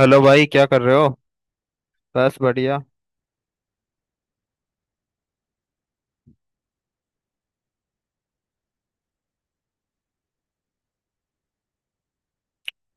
Hello भाई, क्या कर रहे हो। बस बढ़िया।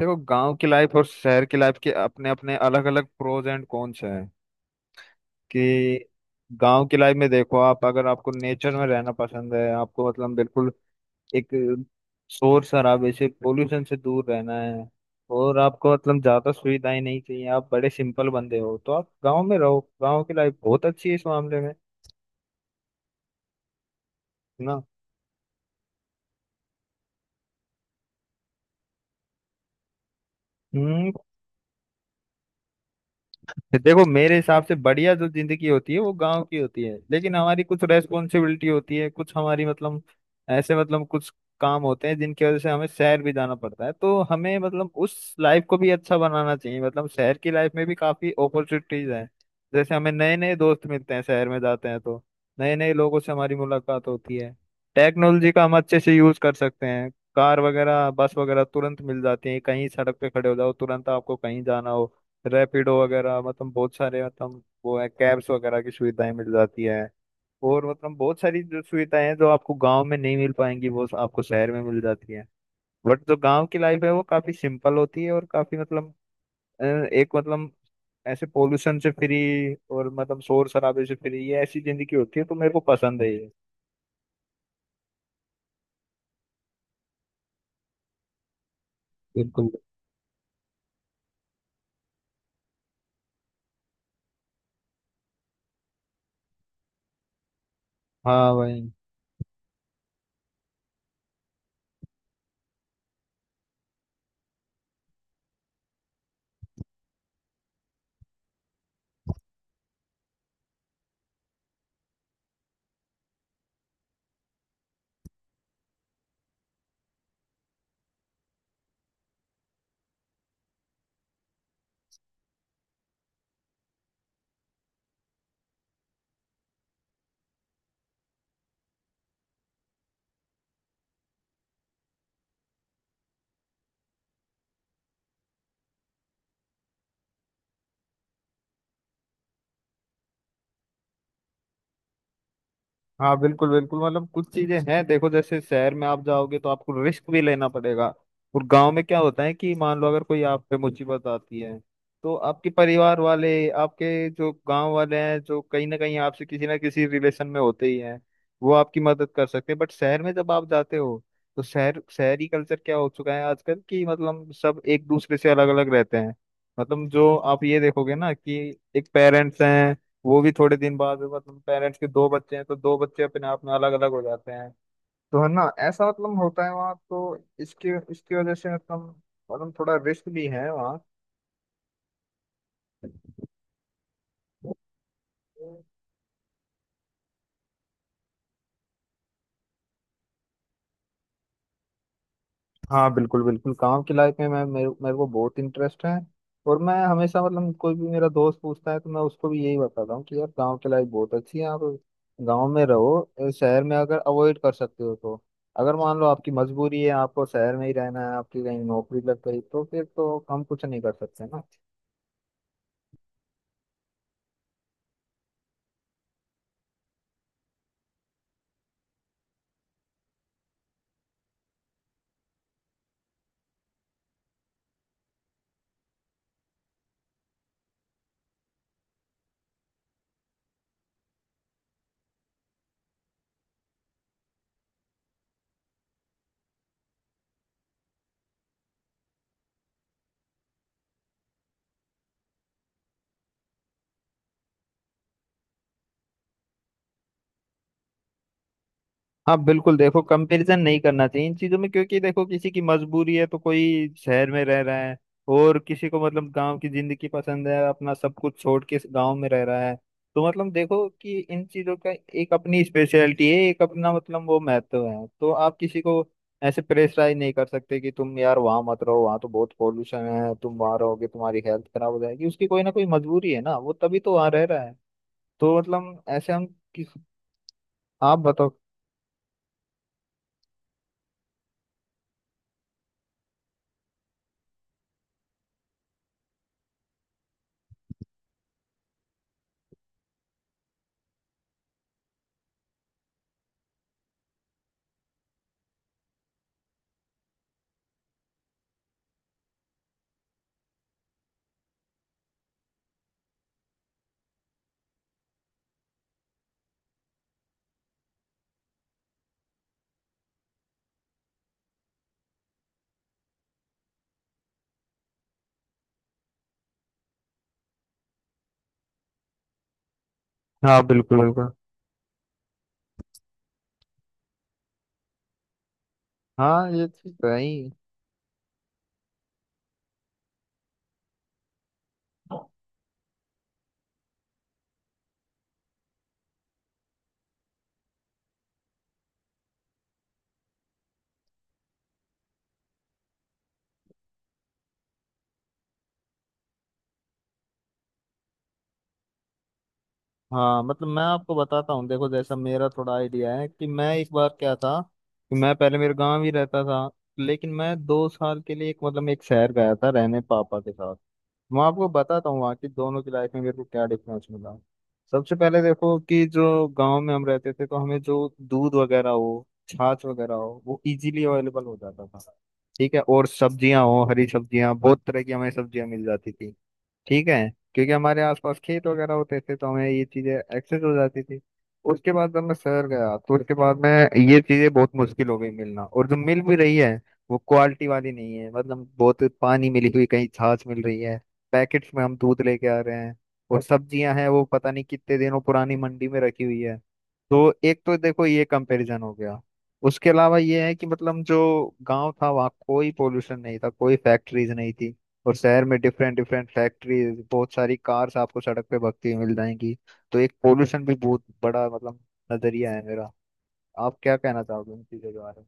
देखो, गांव की लाइफ और शहर की लाइफ के अपने अपने अलग अलग प्रोज एंड कॉन्स हैं कि गांव की लाइफ में देखो, आप अगर आपको नेचर में रहना पसंद है, आपको मतलब बिल्कुल एक शोर शराबे से पोल्यूशन से दूर रहना है, और आपको मतलब ज्यादा सुविधाएं नहीं चाहिए, आप बड़े सिंपल बंदे हो तो आप गांव में रहो, गांव की लाइफ बहुत अच्छी है इस मामले में। है ना। हम्म। देखो, मेरे हिसाब से बढ़िया जो जिंदगी होती है वो गांव की होती है, लेकिन हमारी कुछ रेस्पॉन्सिबिलिटी होती है, कुछ हमारी मतलब ऐसे मतलब कुछ काम होते हैं जिनकी वजह से हमें शहर भी जाना पड़ता है, तो हमें मतलब उस लाइफ को भी अच्छा बनाना चाहिए। मतलब शहर की लाइफ में भी काफी अपॉर्चुनिटीज हैं, जैसे हमें नए नए दोस्त मिलते हैं, शहर में जाते हैं तो नए नए लोगों से हमारी मुलाकात होती है, टेक्नोलॉजी का हम अच्छे से यूज कर सकते हैं, कार वगैरह बस वगैरह तुरंत मिल जाती है, कहीं सड़क पे खड़े हो जाओ तुरंत आपको कहीं जाना हो, रैपिडो वगैरह मतलब बहुत सारे मतलब वो है कैब्स वगैरह की सुविधाएं मिल जाती है, और मतलब बहुत सारी जो सुविधाएं हैं जो आपको गांव में नहीं मिल पाएंगी वो आपको शहर में मिल जाती है। बट जो गांव की लाइफ है वो काफी सिंपल होती है, और काफी मतलब एक मतलब ऐसे पोल्यूशन से फ्री और मतलब शोर शराबे से फ्री, ये ऐसी जिंदगी होती है, तो मेरे को पसंद है ये। बिल्कुल। हाँ भाई। हाँ बिल्कुल बिल्कुल, मतलब कुछ चीजें हैं, देखो जैसे शहर में आप जाओगे तो आपको रिस्क भी लेना पड़ेगा, और गांव में क्या होता है कि मान लो अगर कोई आप पे मुसीबत आती है तो आपके परिवार वाले, आपके जो गांव वाले हैं जो कहीं ना कहीं आपसे किसी ना किसी रिलेशन में होते ही हैं, वो आपकी मदद कर सकते हैं। बट शहर में जब आप जाते हो तो शहरी कल्चर क्या हो चुका है आजकल कि मतलब सब एक दूसरे से अलग अलग रहते हैं। मतलब जो आप ये देखोगे ना कि एक पेरेंट्स हैं, वो भी थोड़े दिन बाद मतलब पेरेंट्स के दो बच्चे हैं तो दो बच्चे अपने आप में अलग अलग हो जाते हैं। तो है ना ऐसा मतलब होता है वहाँ तो इसकी इसकी वजह से मतलब मतलब थोड़ा रिस्क भी है वहाँ। हाँ बिल्कुल बिल्कुल, काम की लाइफ में मैं मेरे को बहुत इंटरेस्ट है, और मैं हमेशा मतलब कोई भी मेरा दोस्त पूछता है तो मैं उसको भी यही बताता हूँ कि यार गांव की लाइफ बहुत अच्छी है, आप गांव में रहो। शहर में अगर अवॉइड कर सकते हो तो, अगर मान लो आपकी मजबूरी है, आपको शहर में ही रहना है, आपकी कहीं नौकरी लग गई तो फिर तो हम कुछ नहीं कर सकते ना। हाँ बिल्कुल, देखो कंपैरिजन नहीं करना चाहिए इन चीजों में, क्योंकि देखो किसी की मजबूरी है तो कोई शहर में रह रहा है, और किसी को मतलब गांव की जिंदगी पसंद है, अपना सब कुछ छोड़ के गांव में रह रहा है। तो मतलब देखो कि इन चीजों का एक अपनी स्पेशलिटी है, एक अपना मतलब वो महत्व है, तो आप किसी को ऐसे प्रेशराइज नहीं कर सकते कि तुम यार वहां मत रहो, वहां तो बहुत पॉल्यूशन है, तुम वहां रहोगे तुम्हारी हेल्थ खराब हो जाएगी। उसकी कोई ना कोई मजबूरी है ना, वो तभी तो वहां रह रहा है। तो मतलब ऐसे हम किस आप बताओ। हाँ बिल्कुल बिल्कुल। हाँ ये चीज तो है ही। हाँ मतलब मैं आपको बताता हूँ, देखो जैसा मेरा थोड़ा आइडिया है कि मैं एक बार क्या था कि मैं पहले मेरे गांव ही रहता था, लेकिन मैं दो साल के लिए एक मतलब एक शहर गया था रहने, पापा के साथ। मैं आपको बताता हूँ वहाँ की दोनों की लाइफ में मेरे को क्या डिफरेंस मिला। सबसे पहले देखो कि जो गांव में हम रहते थे तो हमें जो दूध वगैरह हो, छाछ वगैरह हो, वो इजीली अवेलेबल हो जाता था। ठीक है। और सब्जियां हो, हरी सब्जियां, बहुत तरह की हमें सब्जियां मिल जाती थी। ठीक है। क्योंकि हमारे आसपास खेत वगैरह होते थे तो हमें ये चीजें एक्सेस हो जाती थी। उसके बाद जब मैं शहर गया तो उसके बाद में ये चीजें बहुत मुश्किल हो गई मिलना, और जो मिल भी रही है वो क्वालिटी वाली नहीं है, मतलब बहुत पानी मिली हुई कहीं छाछ मिल रही है, पैकेट्स में हम दूध लेके आ रहे हैं, और सब्जियां हैं वो पता नहीं कितने दिनों पुरानी मंडी में रखी हुई है। तो एक तो देखो ये कंपैरिजन हो गया। उसके अलावा ये है कि मतलब जो गांव था वहाँ कोई पोल्यूशन नहीं था, कोई फैक्ट्रीज नहीं थी, और शहर में डिफरेंट डिफरेंट फैक्ट्रीज, बहुत सारी कार्स आपको सड़क पे भगती हुई मिल जाएंगी। तो एक पोल्यूशन भी बहुत बड़ा मतलब नजरिया है मेरा। आप क्या कहना चाहोगे इन चीजों के बारे में?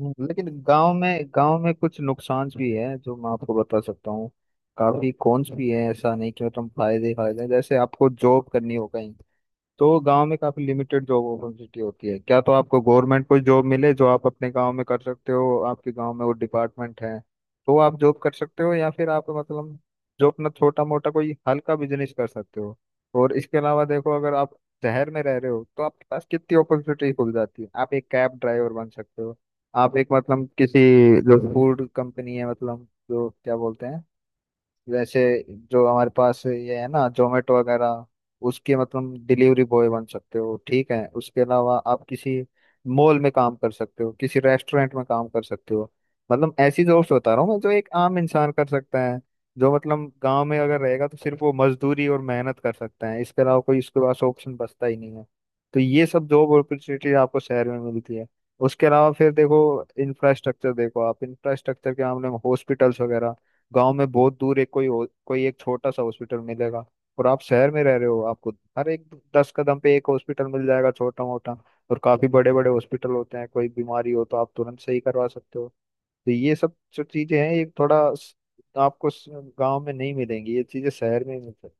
हम्म। लेकिन गांव में कुछ नुकसान भी है जो मैं आपको बता सकता हूँ, काफी कॉन्स भी है, ऐसा नहीं कि मतलब फायदे ही फायदे हैं। जैसे आपको जॉब करनी हो कहीं तो गांव में काफी लिमिटेड जॉब अपॉर्चुनिटी होती है, क्या तो आपको गवर्नमेंट कोई जॉब मिले जो आप अपने गांव में कर सकते हो, आपके गांव में वो डिपार्टमेंट है तो आप जॉब कर सकते हो, या फिर आप मतलब जो अपना छोटा मोटा कोई हल्का बिजनेस कर सकते हो। और इसके अलावा देखो, अगर आप शहर में रह रहे हो तो आपके पास कितनी अपॉर्चुनिटी खुल जाती है, आप एक कैब ड्राइवर बन सकते हो, आप एक मतलब किसी जो फूड कंपनी है, मतलब जो क्या बोलते हैं वैसे, जो हमारे पास ये है ना, जोमेटो वगैरह, उसके मतलब डिलीवरी बॉय बन सकते हो। ठीक है। उसके अलावा आप किसी मॉल में काम कर सकते हो, किसी रेस्टोरेंट में काम कर सकते हो, मतलब ऐसी जॉब्स बता रहा हूँ मैं जो एक आम इंसान कर सकता है, जो मतलब गांव में अगर रहेगा तो सिर्फ वो मजदूरी और मेहनत कर सकता है, इसके अलावा कोई उसके पास ऑप्शन बचता ही नहीं है। तो ये सब जॉब अपॉर्चुनिटी आपको शहर में मिलती है। उसके अलावा फिर देखो इंफ्रास्ट्रक्चर, देखो आप इंफ्रास्ट्रक्चर के मामले में हॉस्पिटल्स वगैरह गांव में बहुत दूर, एक कोई एक छोटा सा हॉस्पिटल मिलेगा, और आप शहर में रह रहे हो आपको हर एक दस कदम पे एक हॉस्पिटल मिल जाएगा, छोटा मोटा, और काफी बड़े बड़े हॉस्पिटल होते हैं, कोई बीमारी हो तो आप तुरंत सही करवा सकते हो। तो ये सब जो चीजें हैं, ये थोड़ा आपको गांव में नहीं मिलेंगी, ये चीजें शहर में मिलती हैं।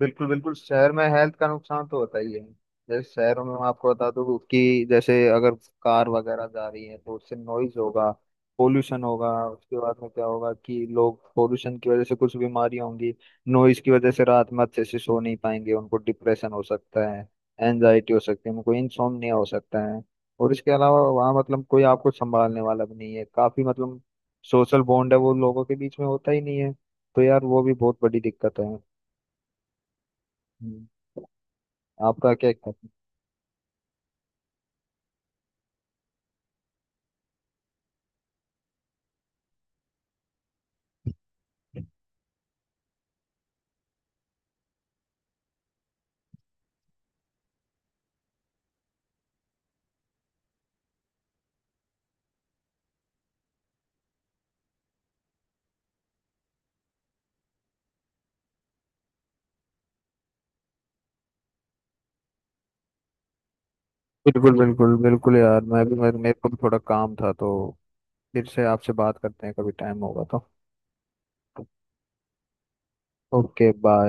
बिल्कुल बिल्कुल, शहर में हेल्थ का नुकसान तो होता ही है, जैसे शहरों में मैं आपको बता दूं कि जैसे अगर कार वगैरह जा रही है तो उससे नॉइज होगा, पोल्यूशन होगा, उसके बाद में क्या होगा कि लोग पोल्यूशन की वजह से कुछ बीमारियां होंगी, नॉइज की वजह से रात में अच्छे से सो नहीं पाएंगे, उनको डिप्रेशन हो सकता है, एनजाइटी हो सकती है, उनको इंसोम्निया हो सकता है। और इसके अलावा वहाँ मतलब कोई आपको संभालने वाला भी नहीं है, काफी मतलब सोशल बॉन्ड है वो लोगों के बीच में होता ही नहीं है, तो यार वो भी बहुत बड़ी दिक्कत है। हम्म। आपका क्या ख्याल है? बिल्कुल बिल्कुल बिल्कुल, यार मैं भी मेरे मेरे को भी थोड़ा काम था, तो फिर से आपसे बात करते हैं कभी टाइम होगा तो। Okay bye.